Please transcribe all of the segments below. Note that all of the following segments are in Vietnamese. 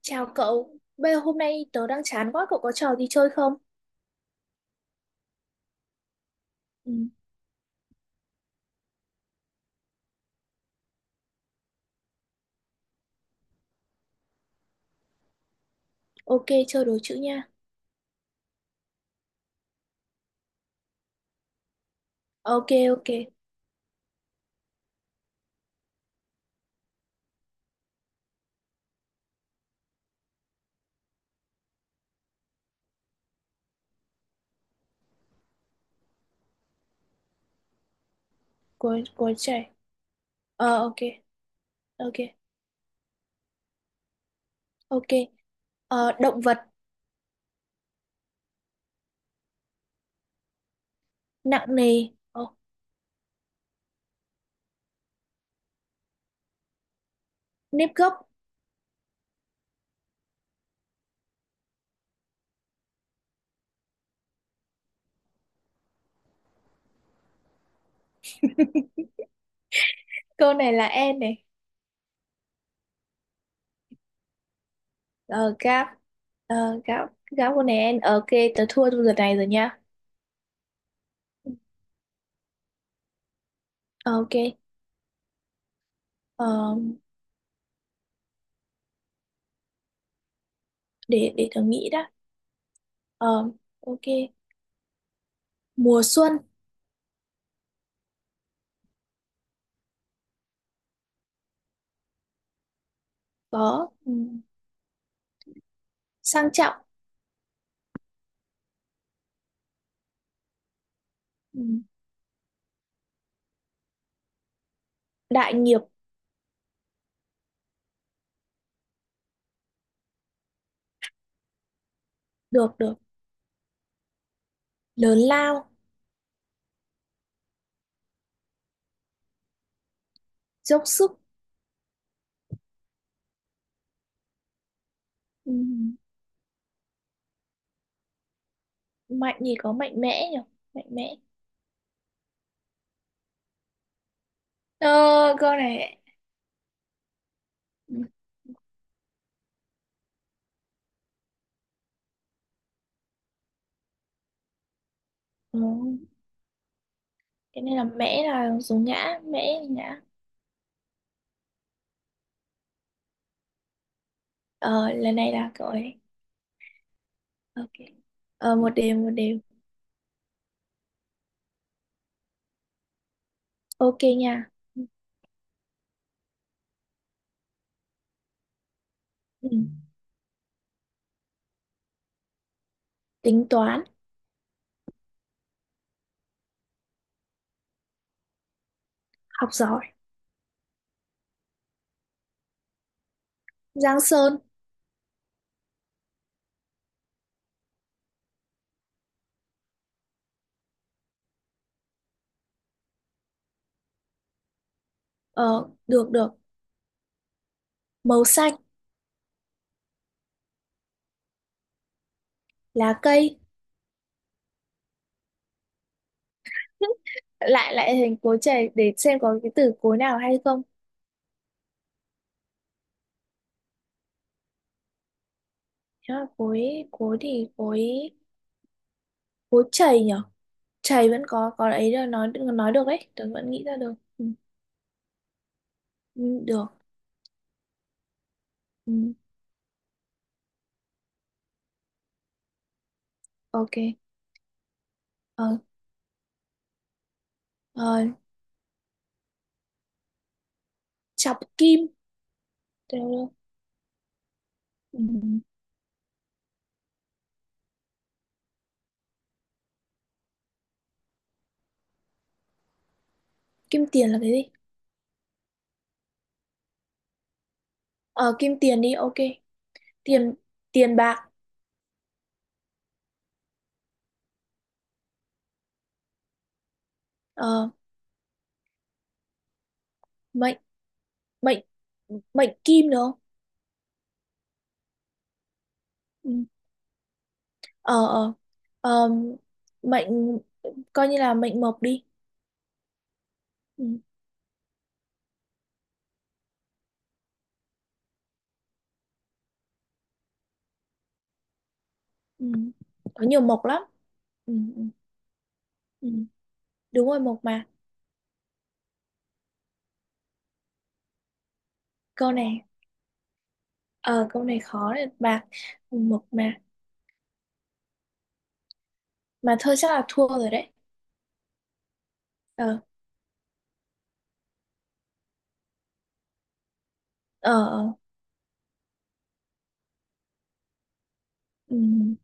Chào cậu, bây giờ hôm nay tớ đang chán quá, cậu có trò gì chơi không? Ừ, ok, chơi đố chữ nha. Ok, ok, cuối cuối trẻ. Ờ, ok, ok, ok. Ờ, động vật, nặng nề, ờ, nếp gấp. Câu này là en này. Ờ, gáp, ờ, gáp, gáp câu này en. Ok, tớ thua trong lượt này rồi nha. Ờ, ok, ờ, để tớ nghĩ đã. Ờ, ok, mùa xuân, có, ừ, sang trọng, ừ, đại nghiệp, được, được, lớn lao dốc sức ừ, mạnh thì có mạnh mẽ nhỉ, mạnh mẽ. Ờ, câu này ừ, cái này là mẽ là số ngã, mẽ là ngã. Ờ, lần này là cậu ấy, ok. Ờ, một đều một đều, ok nha. Ừ, tính toán học giỏi, Giang Sơn. Ờ, được được, màu xanh lá cây. lại lại hình cối chày để xem có cái từ cối nào hay không. Nếu là cối, cối thì cối cối chày nhỉ. Chày vẫn có ấy là nói được đấy, tớ vẫn nghĩ ra được, ừ. Ừ, được, ừ. Ok, ờ, ờ, chọc kim được không? Ừ. Kim tiền là cái gì? Ờ, kim tiền đi, ok. Tiền, tiền bạc. Ờ, mệnh, mệnh, mệnh kim được không? Ừ. Ờ, ờ, ờ, mệnh coi như là mệnh mộc đi. Ừ. Ừ. Có nhiều mộc lắm. Ừ. Ừ. Ừ, đúng rồi, mộc mà. Câu này ờ, câu này khó này, bạc mộc mà thôi chắc là thua rồi đấy. Ờ, ờ, ờ, ừm,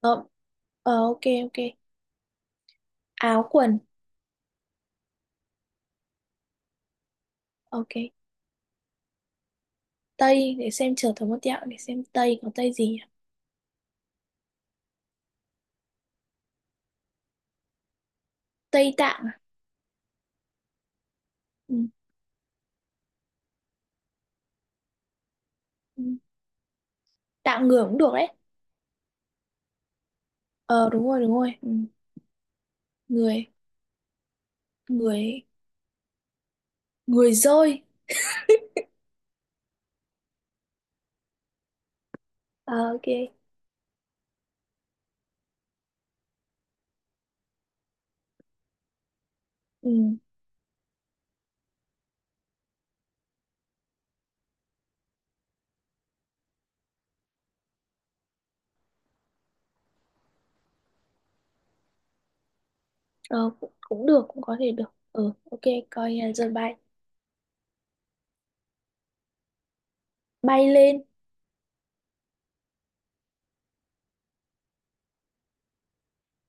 ờ, ờ, ok, ok, áo quần. Ok, tây để xem, chờ thử một tẹo để xem tây có tây gì nhỉ? Tây Tạng à? Ừm, ừm, tạng người cũng được đấy. Ờ, đúng rồi đúng rồi. Người, người, người dơi. Ờ, ok. Ừm, ờ, cũng được, cũng có thể được, ờ, ok, coi như là dơi bay, bay lên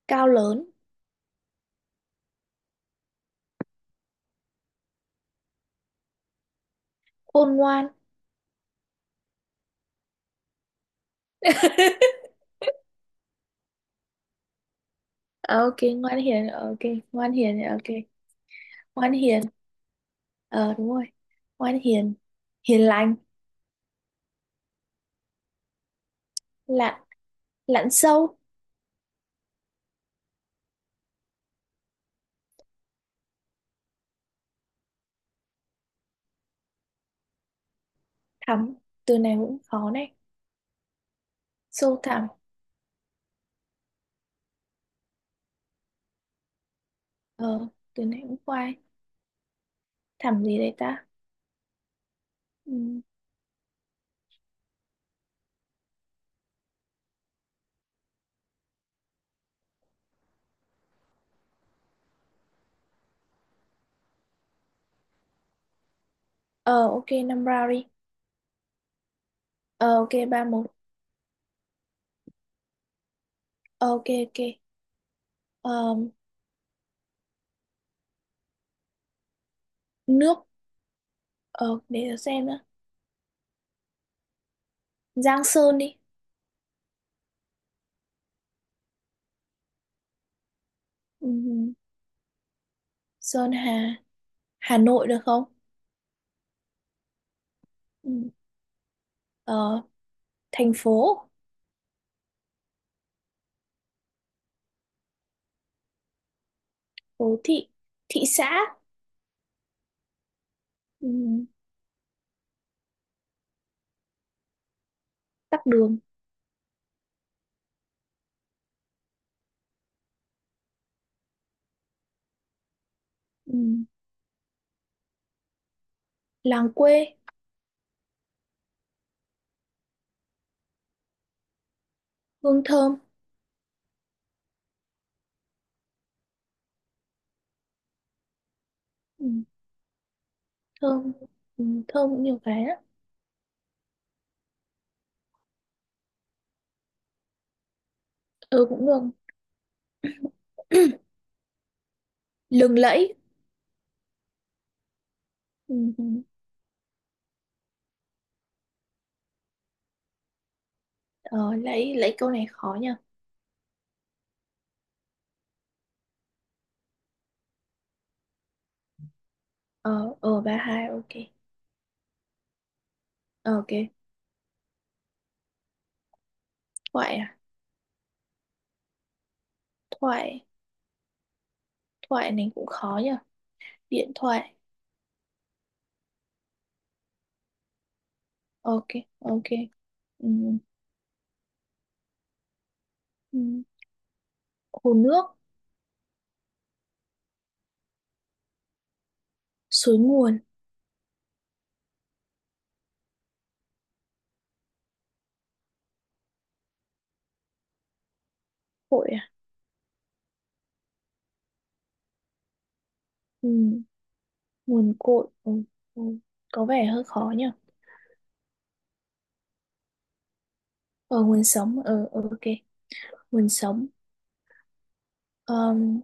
cao, lớn khôn ngoan. Ờ, ok, ngoan hiền. Ờ, ok, ngoan hiền. Ờ, ok, ngoan hiền, ờ, đúng rồi, ngoan hiền, hiền lành lặn, lặn sâu thẳm. Từ này cũng khó này, sâu thẳm. Ờ, từ này cũng khoai, thẳm gì đấy ta. Ừ. Ờ, ok, năm round đi. Ờ, ok, ba một. Ờ, ok, ok, ờ, nước, ờ, để tớ xem nữa. Giang Sơn đi. Ừ. Sơn Hà, Hà Nội được không? Ừ. Ờ, thành phố, phố thị, thị xã. Ừ. Tắc đường. Ừ. Làng quê, hương thơm. Ừ. Thơm, ừ, thơm cũng nhiều cái á. Ừ, cũng được. Lừng lẫy. Ừ, ừ. Ờ, lẫy, lẫy câu này khó nha. Ờ, ờ, ba hai, ok. Ờ, ok, thoại à, thoại, thoại này cũng khó nha, điện thoại. Ok, ok, ừ, ừ. Hồ nước, suối nguồn, cội à. Ừ, nguồn cội, ừ, ừ, có vẻ hơi khó nha. Ờ, nguồn sống, ờ, ờ, ok, nguồn sống. Ờm,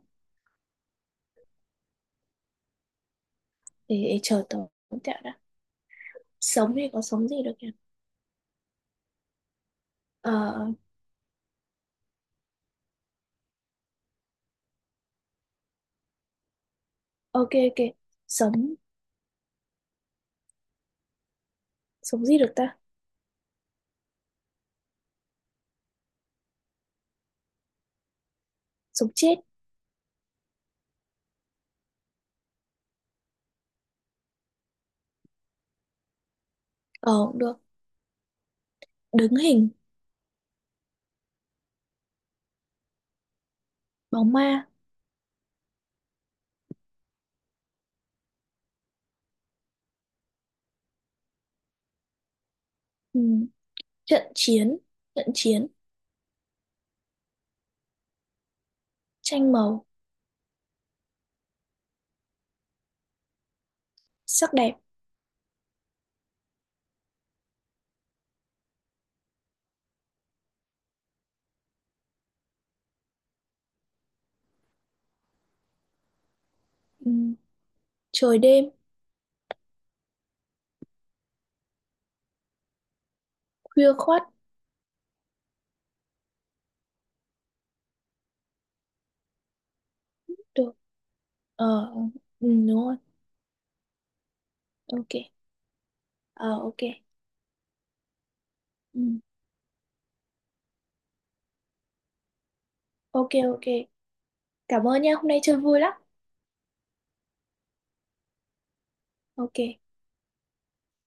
để chờ tớ tẹo đã. Sống thì có sống gì được nhỉ? Ờ, ờ, ok, ok, sống, sống gì được ta, sống chết. Ờ, cũng được, đứng hình bóng ma. Ừ. Trận chiến, trận chiến tranh màu, sắc đẹp. Ừ. Trời đêm, khuya khoắt được, ờ, ừ, đúng rồi, ok. Ờ, ok. Ừ. Ok, ok, cảm ơn nha, hôm nay chơi vui lắm. Ok.